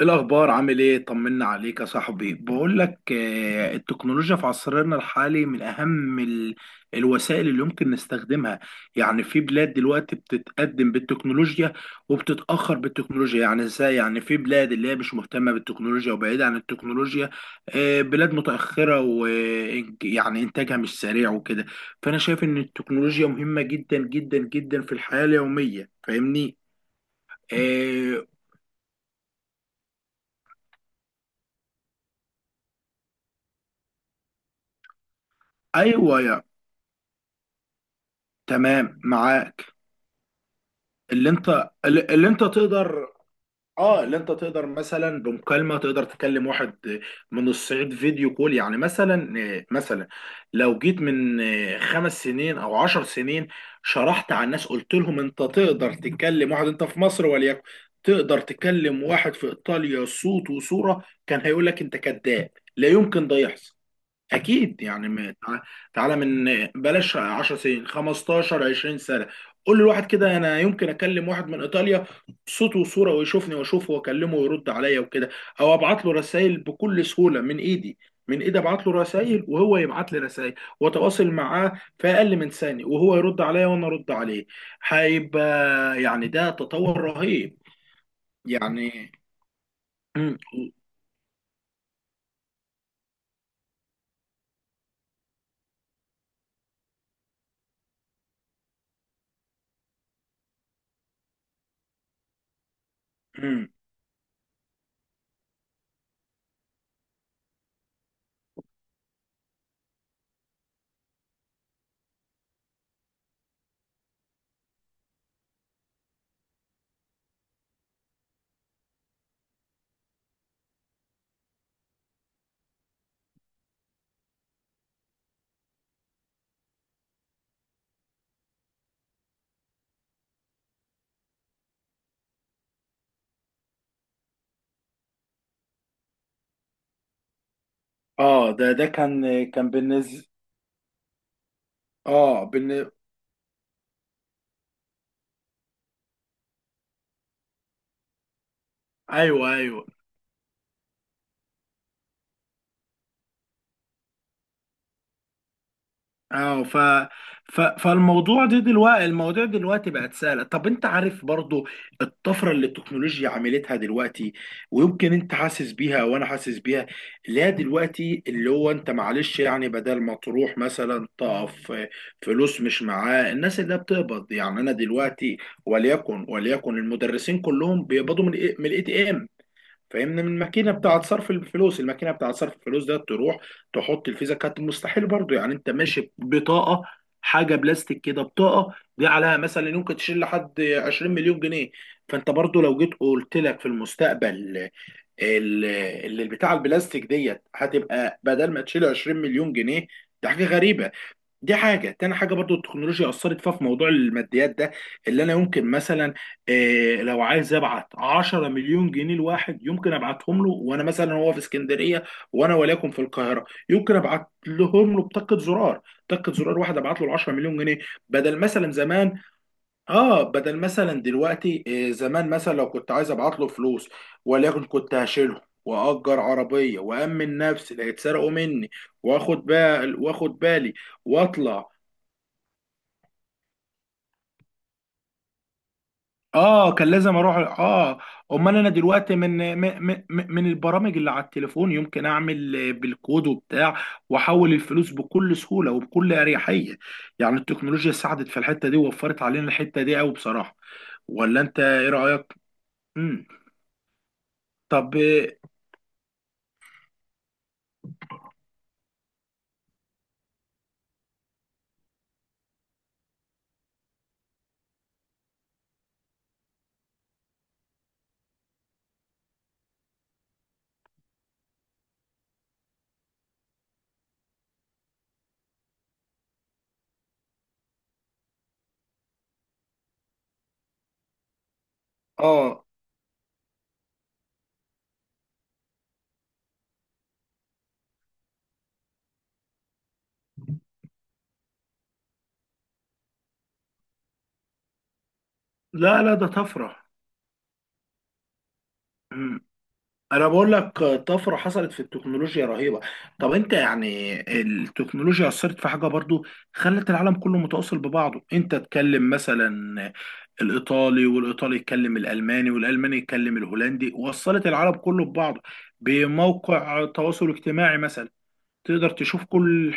إيه الأخبار عامل إيه؟ طمنا عليك يا صاحبي، بقول لك التكنولوجيا في عصرنا الحالي من أهم الوسائل اللي يمكن نستخدمها، يعني في بلاد دلوقتي بتتقدم بالتكنولوجيا وبتتأخر بالتكنولوجيا، يعني إزاي؟ يعني في بلاد اللي هي مش مهتمة بالتكنولوجيا وبعيدة عن التكنولوجيا، بلاد متأخرة، ويعني إنتاجها مش سريع وكده، فأنا شايف إن التكنولوجيا مهمة جدا جدا جدا في الحياة اليومية، فاهمني؟ آه، أيوه يا، تمام، معاك. اللي انت اللي انت تقدر اه اللي انت تقدر مثلا بمكالمه، تقدر تكلم واحد من الصعيد، فيديو كول، يعني مثلا لو جيت من 5 سنين او 10 سنين، شرحت على الناس، قلت لهم انت تقدر تكلم واحد، انت في مصر وليكن تقدر تكلم واحد في ايطاليا، صوت وصوره، كان هيقول لك انت كذاب، لا يمكن ده يحصل. اكيد، يعني تعالى من بلاش 10 سنين، 15، 20 سنه، قول لواحد كده انا يمكن اكلم واحد من ايطاليا، صوت وصوره، ويشوفني واشوفه واكلمه ويرد عليا وكده، او ابعت له رسائل بكل سهوله من ايدي ابعت له رسائل وهو يبعت لي رسائل، واتواصل معاه في اقل من ثانيه، وهو يرد عليا وانا ارد عليه، هيبقى يعني ده تطور رهيب. يعني امم امم اه ده كان بالنسبه. اه ايوه، ايوه. اه ف... ف فالموضوع ده دلوقتي، المواضيع دلوقتي بقت سهله. طب انت عارف برضو الطفره اللي التكنولوجيا عملتها دلوقتي، ويمكن انت حاسس بيها وانا حاسس بيها. لا، دلوقتي اللي هو انت معلش، يعني بدل ما تروح مثلا تقف فلوس، مش معاه، الناس اللي بتقبض يعني، انا دلوقتي وليكن المدرسين كلهم بيقبضوا من إيه، من الاي تي ام، فاهمني، من الماكينه بتاعه صرف الفلوس، الماكينه بتاعه صرف الفلوس ده، تروح تحط الفيزا. كانت مستحيل برضو، يعني انت ماشي بطاقه، حاجه بلاستيك كده، بطاقه دي عليها مثلا يمكن تشيل لحد 20 مليون جنيه. فانت برضو لو جيت قلت لك في المستقبل اللي البتاع البلاستيك ديت هتبقى بدل ما تشيل 20 مليون جنيه، ده حاجه غريبه. دي حاجة تاني، حاجة برضو التكنولوجيا أثرت فيها، في موضوع الماديات ده، اللي أنا يمكن مثلا إيه، لو عايز أبعت 10 مليون جنيه لواحد، يمكن أبعتهم له، وأنا مثلا هو في اسكندرية وأنا وليكن في القاهرة، يمكن أبعت لهم له بطاقة زرار، طاقة زرار، واحد أبعت له ال 10 مليون جنيه، بدل مثلا زمان. بدل مثلا دلوقتي إيه، زمان مثلا لو كنت عايز أبعت له فلوس، وليكن كنت هشيله، وأجر عربية، وأمن نفسي لا يتسرقوا مني، وآخد بالي واطلع. اه، كان لازم اروح. اه امال انا دلوقتي، من البرامج اللي على التليفون، يمكن اعمل بالكود وبتاع، واحول الفلوس بكل سهوله وبكل اريحيه. يعني التكنولوجيا ساعدت في الحته دي، ووفرت علينا الحته دي قوي بصراحه. ولا انت ايه رايك؟ امم طب، آه، لا، لا، ده طفره. انا بقول لك طفره حصلت في التكنولوجيا رهيبه. طب انت، يعني التكنولوجيا اثرت في حاجه برضو، خلت العالم كله متواصل ببعضه. انت تكلم مثلا الايطالي، والايطالي يتكلم الالماني، والالماني يتكلم الهولندي، وصلت العالم كله ببعضه بموقع تواصل اجتماعي مثلا، تقدر تشوف كل.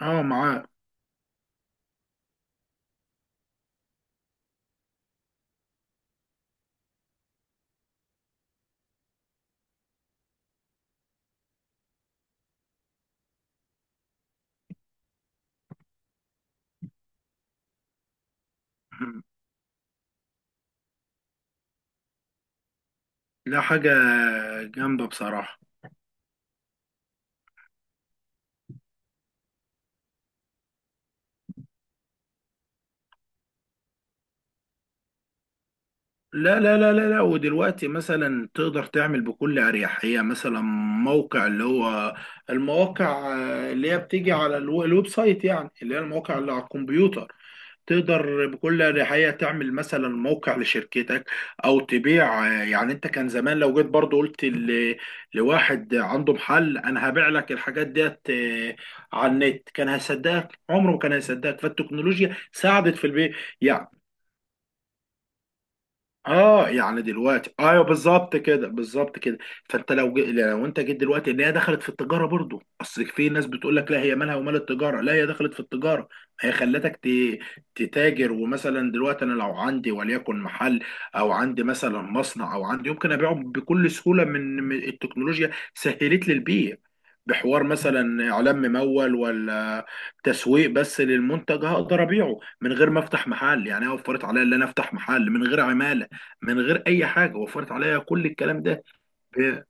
اه معاه. لا، حاجه جامده بصراحه. لا، لا، لا، لا، لا، ودلوقتي مثلا تقدر تعمل بكل أريحية مثلا موقع، اللي هو المواقع، اللي هي بتيجي على الويب سايت، يعني اللي هي المواقع اللي على الكمبيوتر. تقدر بكل أريحية تعمل مثلا موقع لشركتك، أو تبيع. يعني أنت كان زمان لو جيت برضو قلت لواحد عنده محل، أنا هبيع لك الحاجات ديت، على النت، كان هيصدقك، عمره ما كان هيصدقك. فالتكنولوجيا ساعدت في البيع. اه يعني دلوقتي، ايوه، بالظبط كده، بالظبط كده. فانت لو انت جيت دلوقتي، ان هي دخلت في التجاره برضو. اصل في ناس بتقول لك لا، هي مالها ومال التجاره. لا، هي دخلت في التجاره، هي خلتك تتاجر. ومثلا دلوقتي، انا لو عندي وليكن محل، او عندي مثلا مصنع، او عندي، يمكن ابيعه بكل سهوله، من التكنولوجيا سهلت لي البيع بحوار مثلا اعلان ممول، ولا تسويق بس للمنتج، هقدر ابيعه من غير ما افتح محل. يعني هي وفرت عليا ان انا افتح محل من غير عماله، من غير اي حاجه، وفرت عليا كل الكلام ده. ب-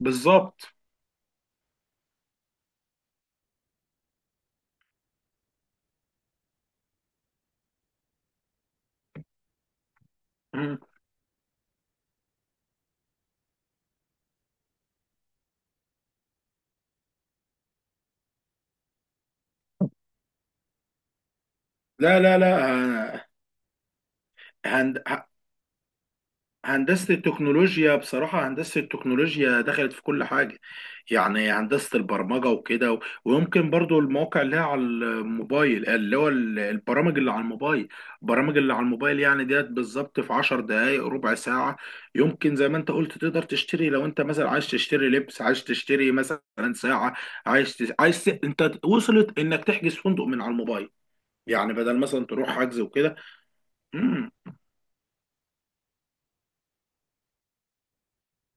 بالظبط. مم. لا، لا، لا. آه، هند... هندسة التكنولوجيا، بصراحة هندسة التكنولوجيا دخلت في كل حاجة، يعني هندسة البرمجة وكده، ويمكن برضو المواقع اللي هي على الموبايل، اللي هو البرامج اللي على الموبايل، البرامج اللي على الموبايل، يعني ديت بالظبط في 10 دقايق، ربع ساعة، يمكن زي ما انت قلت تقدر تشتري. لو انت مثلا عايز تشتري لبس، عايز تشتري مثلا ساعة، عايز تس... عايز ت... انت وصلت انك تحجز فندق من على الموبايل، يعني بدل مثلا تروح حجز وكده. مم.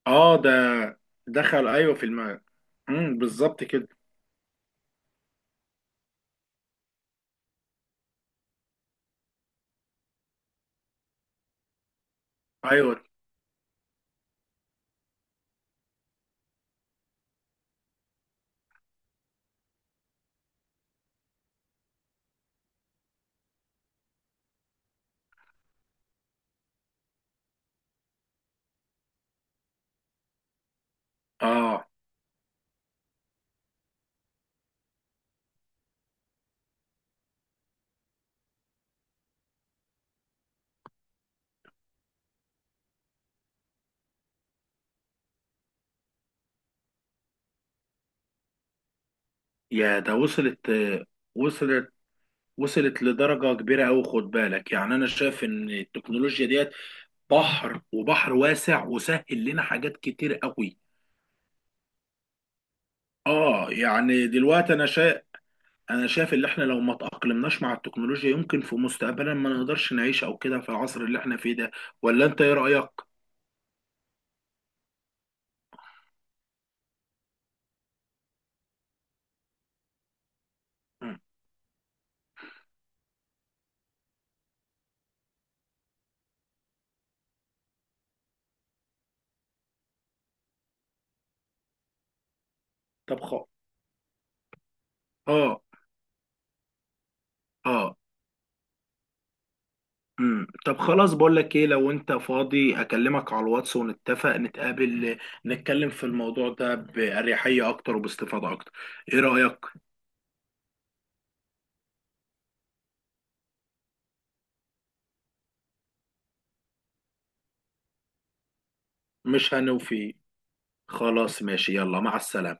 اه ده دخل، ايوه، بالظبط كده، ايوه. اه يا، ده وصلت آه، وصلت وصلت لدرجة كبيرة أوي، خد بالك. يعني أنا شايف إن التكنولوجيا ديت بحر، وبحر واسع، وسهل لنا حاجات كتير أوي. اه يعني دلوقتي أنا شايف، إن إحنا لو ما تأقلمناش مع التكنولوجيا، يمكن في مستقبلا ما نقدرش نعيش، أو كده في العصر اللي إحنا فيه ده. ولا أنت إيه رأيك؟ مم. طب خ... اه اه طب خلاص، بقول لك ايه، لو انت فاضي اكلمك على الواتس، ونتفق نتقابل، نتكلم في الموضوع ده بأريحية اكتر وباستفاضة اكتر. ايه رأيك؟ مش هنوفي. خلاص، ماشي، يلا، مع السلامة.